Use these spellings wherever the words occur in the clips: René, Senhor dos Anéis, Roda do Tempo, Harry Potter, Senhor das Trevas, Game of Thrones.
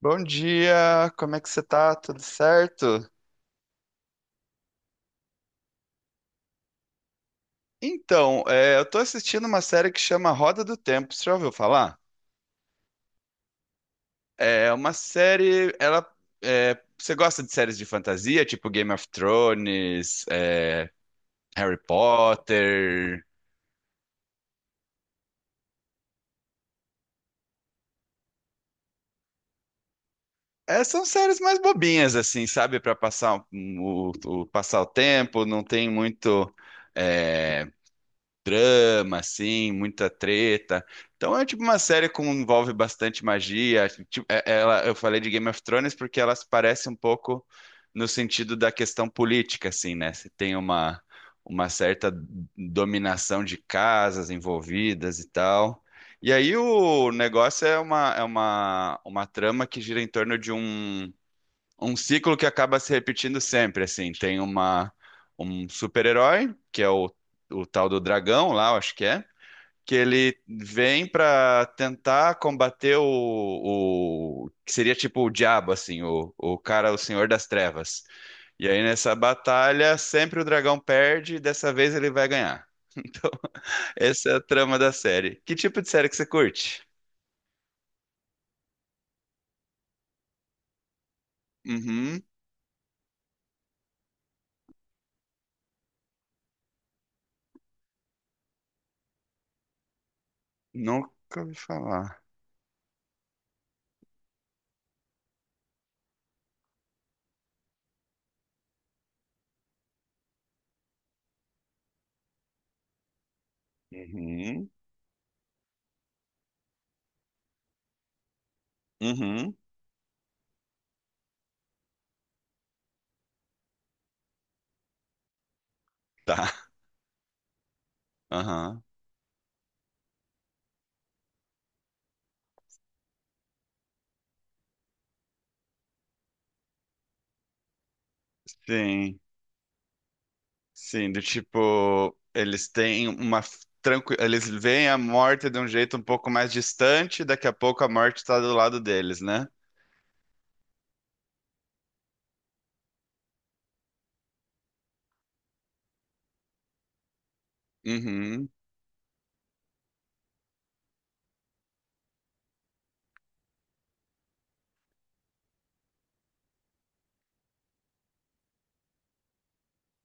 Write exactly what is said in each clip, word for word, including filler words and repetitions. Bom dia, como é que você tá? Tudo certo? Então, é, eu tô assistindo uma série que chama Roda do Tempo, você já ouviu falar? É uma série, ela, é, você gosta de séries de fantasia, tipo Game of Thrones, é, Harry Potter? É, são séries mais bobinhas, assim, sabe? Pra passar o, o- o- passar o tempo, não tem muito, é, drama, assim, muita treta. Então é tipo uma série que envolve bastante magia. Tipo, é- ela, eu falei de Game of Thrones porque elas parecem um pouco no sentido da questão política, assim, né? Se tem uma, uma certa dominação de casas envolvidas e tal. E aí o negócio é uma, é uma, uma trama que gira em torno de um um ciclo que acaba se repetindo sempre, assim. Tem uma um super-herói, que é o, o tal do dragão lá, eu acho que é, que ele vem pra tentar combater o, o que seria tipo o diabo, assim, o, o cara, o Senhor das Trevas. E aí nessa batalha, sempre o dragão perde, e dessa vez ele vai ganhar. Então, essa é a trama da série. Que tipo de série que você curte? Uhum, nunca ouvi falar. Uhum, uhum, tá. Aham. Sim, sim, do tipo, eles têm uma tranqui... eles veem a morte de um jeito um pouco mais distante, daqui a pouco a morte está do lado deles, né? Uhum.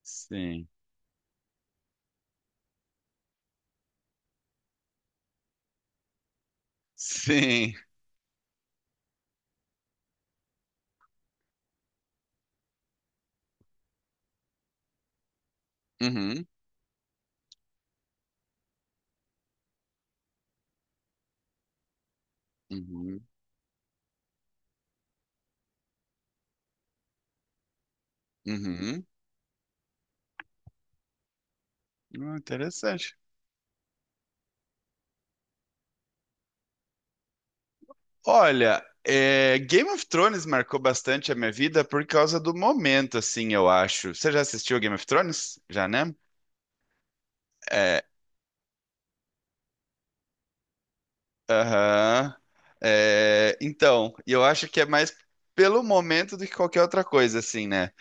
Sim. Sim. Uhum. Uhum. Uhum. Ah, interessante. Olha, é, Game of Thrones marcou bastante a minha vida por causa do momento, assim, eu acho. Você já assistiu Game of Thrones? Já, né? É, aham. É, então, e eu acho que é mais pelo momento do que qualquer outra coisa, assim, né?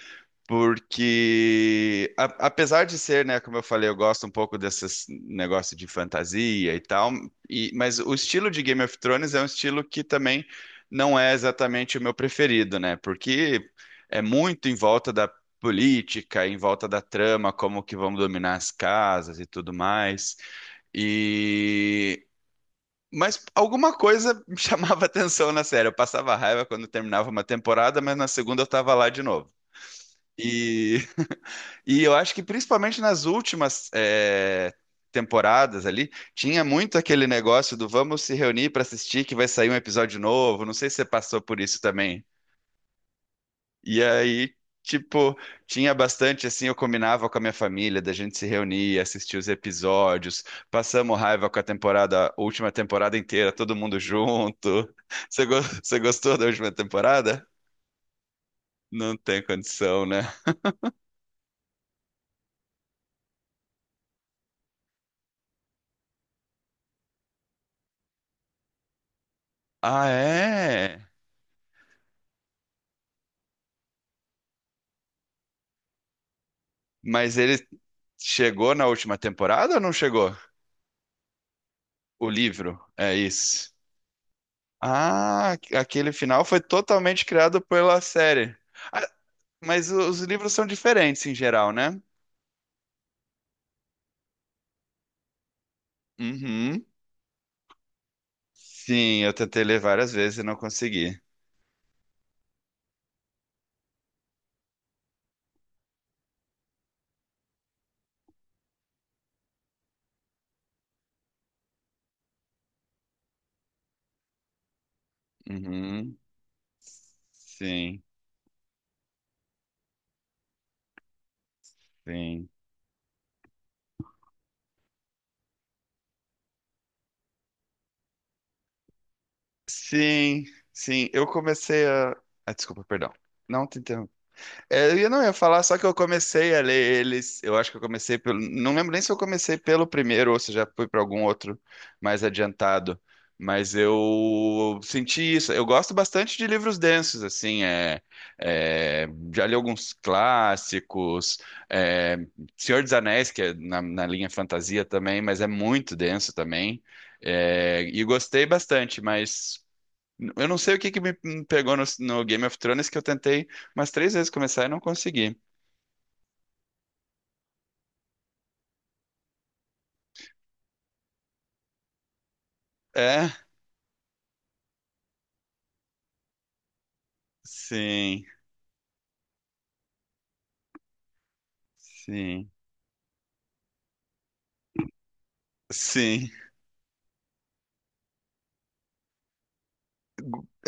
Porque, a- apesar de ser, né, como eu falei, eu gosto um pouco desses negócio de fantasia e tal, e- mas o estilo de Game of Thrones é um estilo que também não é exatamente o meu preferido, né? Porque é muito em volta da política, em volta da trama, como que vamos dominar as casas e tudo mais. E mas alguma coisa me chamava atenção na série. Eu passava raiva quando terminava uma temporada, mas na segunda eu tava lá de novo. E, e eu acho que principalmente nas últimas eh, temporadas ali, tinha muito aquele negócio do vamos se reunir para assistir que vai sair um episódio novo. Não sei se você passou por isso também. E aí, tipo, tinha bastante assim, eu combinava com a minha família, da gente se reunir, assistir os episódios, passamos raiva com a temporada, a última temporada inteira, todo mundo junto. Você, go- você gostou da última temporada? Não tem condição, né? Ah, é? Mas ele chegou na última temporada ou não chegou? O livro, é isso. Ah, aquele final foi totalmente criado pela série. Ah, mas os livros são diferentes em geral, né? Uhum. Sim, eu tentei ler várias vezes e não consegui. Uhum. Sim, sim. Sim, sim. Eu comecei a. Ah, desculpa, perdão. Não te interrompi. É, eu não ia falar, só que eu comecei a ler eles. Eu acho que eu comecei pelo. Não lembro nem se eu comecei pelo primeiro ou se já fui para algum outro mais adiantado. Mas eu senti isso. Eu gosto bastante de livros densos, assim. É, é, já li alguns clássicos. é, Senhor dos Anéis, que é na, na linha fantasia também, mas é muito denso também. é, e gostei bastante, mas. Eu não sei o que que me me pegou no, no Game of Thrones que eu tentei umas três vezes começar e não consegui. É, sim, sim, sim.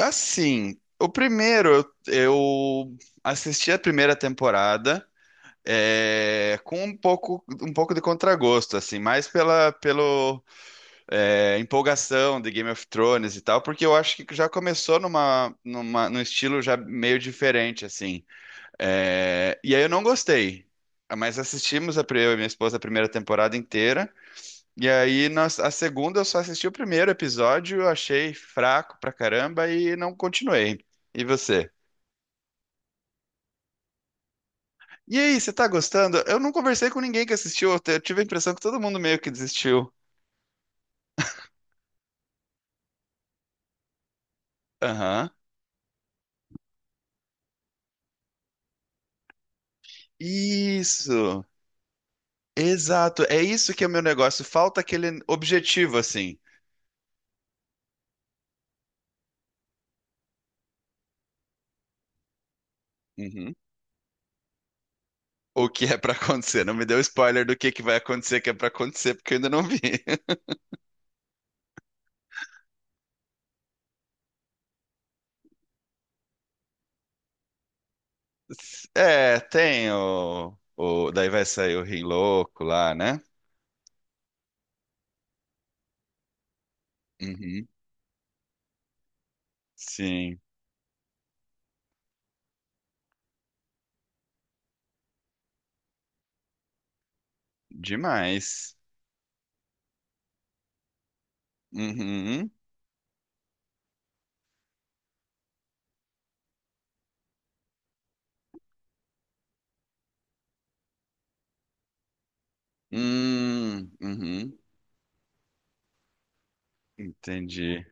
Assim, o primeiro eu, eu assisti a primeira temporada é, com um pouco, um pouco de contragosto, assim, mais pela pelo é, empolgação de Game of Thrones e tal, porque eu acho que já começou numa, numa, num estilo já meio diferente, assim. É, e aí eu não gostei. Mas assistimos a, pri- eu e minha esposa a primeira temporada inteira. E aí nós, a segunda eu só assisti o primeiro episódio, eu achei fraco pra caramba e não continuei. E você? E aí, você tá gostando? Eu não conversei com ninguém que assistiu, eu te- eu tive a impressão que todo mundo meio que desistiu. Aham. Isso. Exato. É isso que é o meu negócio. Falta aquele objetivo, assim. Uhum. O que é pra acontecer? Não me deu spoiler do que que vai acontecer, que é pra acontecer, porque eu ainda não vi. É, tem o, o. Daí vai sair o Rei Louco lá, né? Uhum. Sim, demais. Uhum. Hum, uhum. Entendi.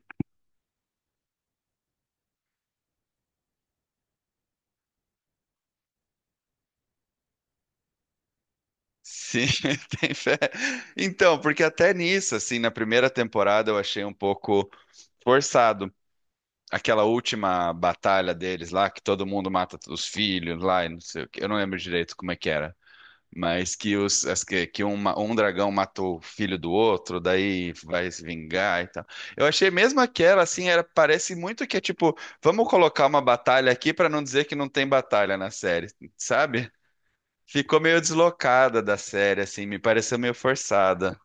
Sim, tem fé. Então, porque até nisso, assim, na primeira temporada eu achei um pouco forçado. Aquela última batalha deles lá, que todo mundo mata os filhos lá e não sei o quê. Eu não lembro direito como é que era. Mas que, os, as que, que uma- um dragão matou o filho do outro, daí vai se vingar e tal. Eu achei mesmo aquela, assim, era, parece muito que é tipo, vamos colocar uma batalha aqui pra não dizer que não tem batalha na série, sabe? Ficou meio deslocada da série, assim, me pareceu meio forçada.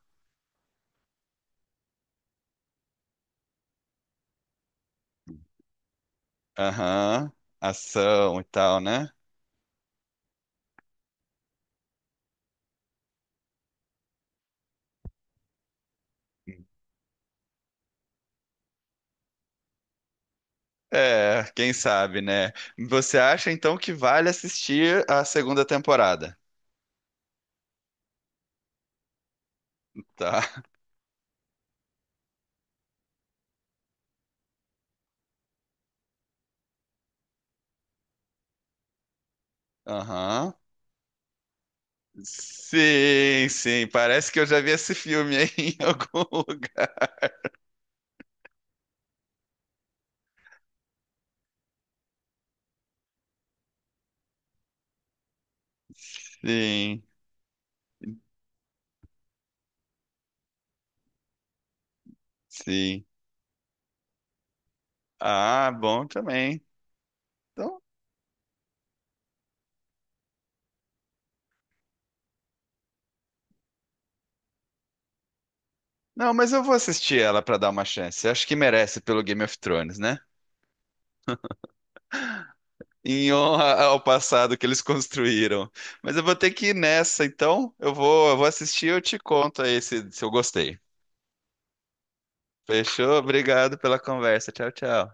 Aham, ação e tal, né? É, quem sabe, né? Você acha então que vale assistir a segunda temporada? Tá. Aham. Sim, sim. Parece que eu já vi esse filme aí em algum lugar. Sim, sim. Ah, bom também. Então, não, mas eu vou assistir ela para dar uma chance. Acho que merece pelo Game of Thrones, né? Em honra ao passado que eles construíram. Mas eu vou ter que ir nessa, então eu vou, eu vou assistir e eu te conto aí se, se eu gostei. Fechou? Obrigado pela conversa. Tchau, tchau.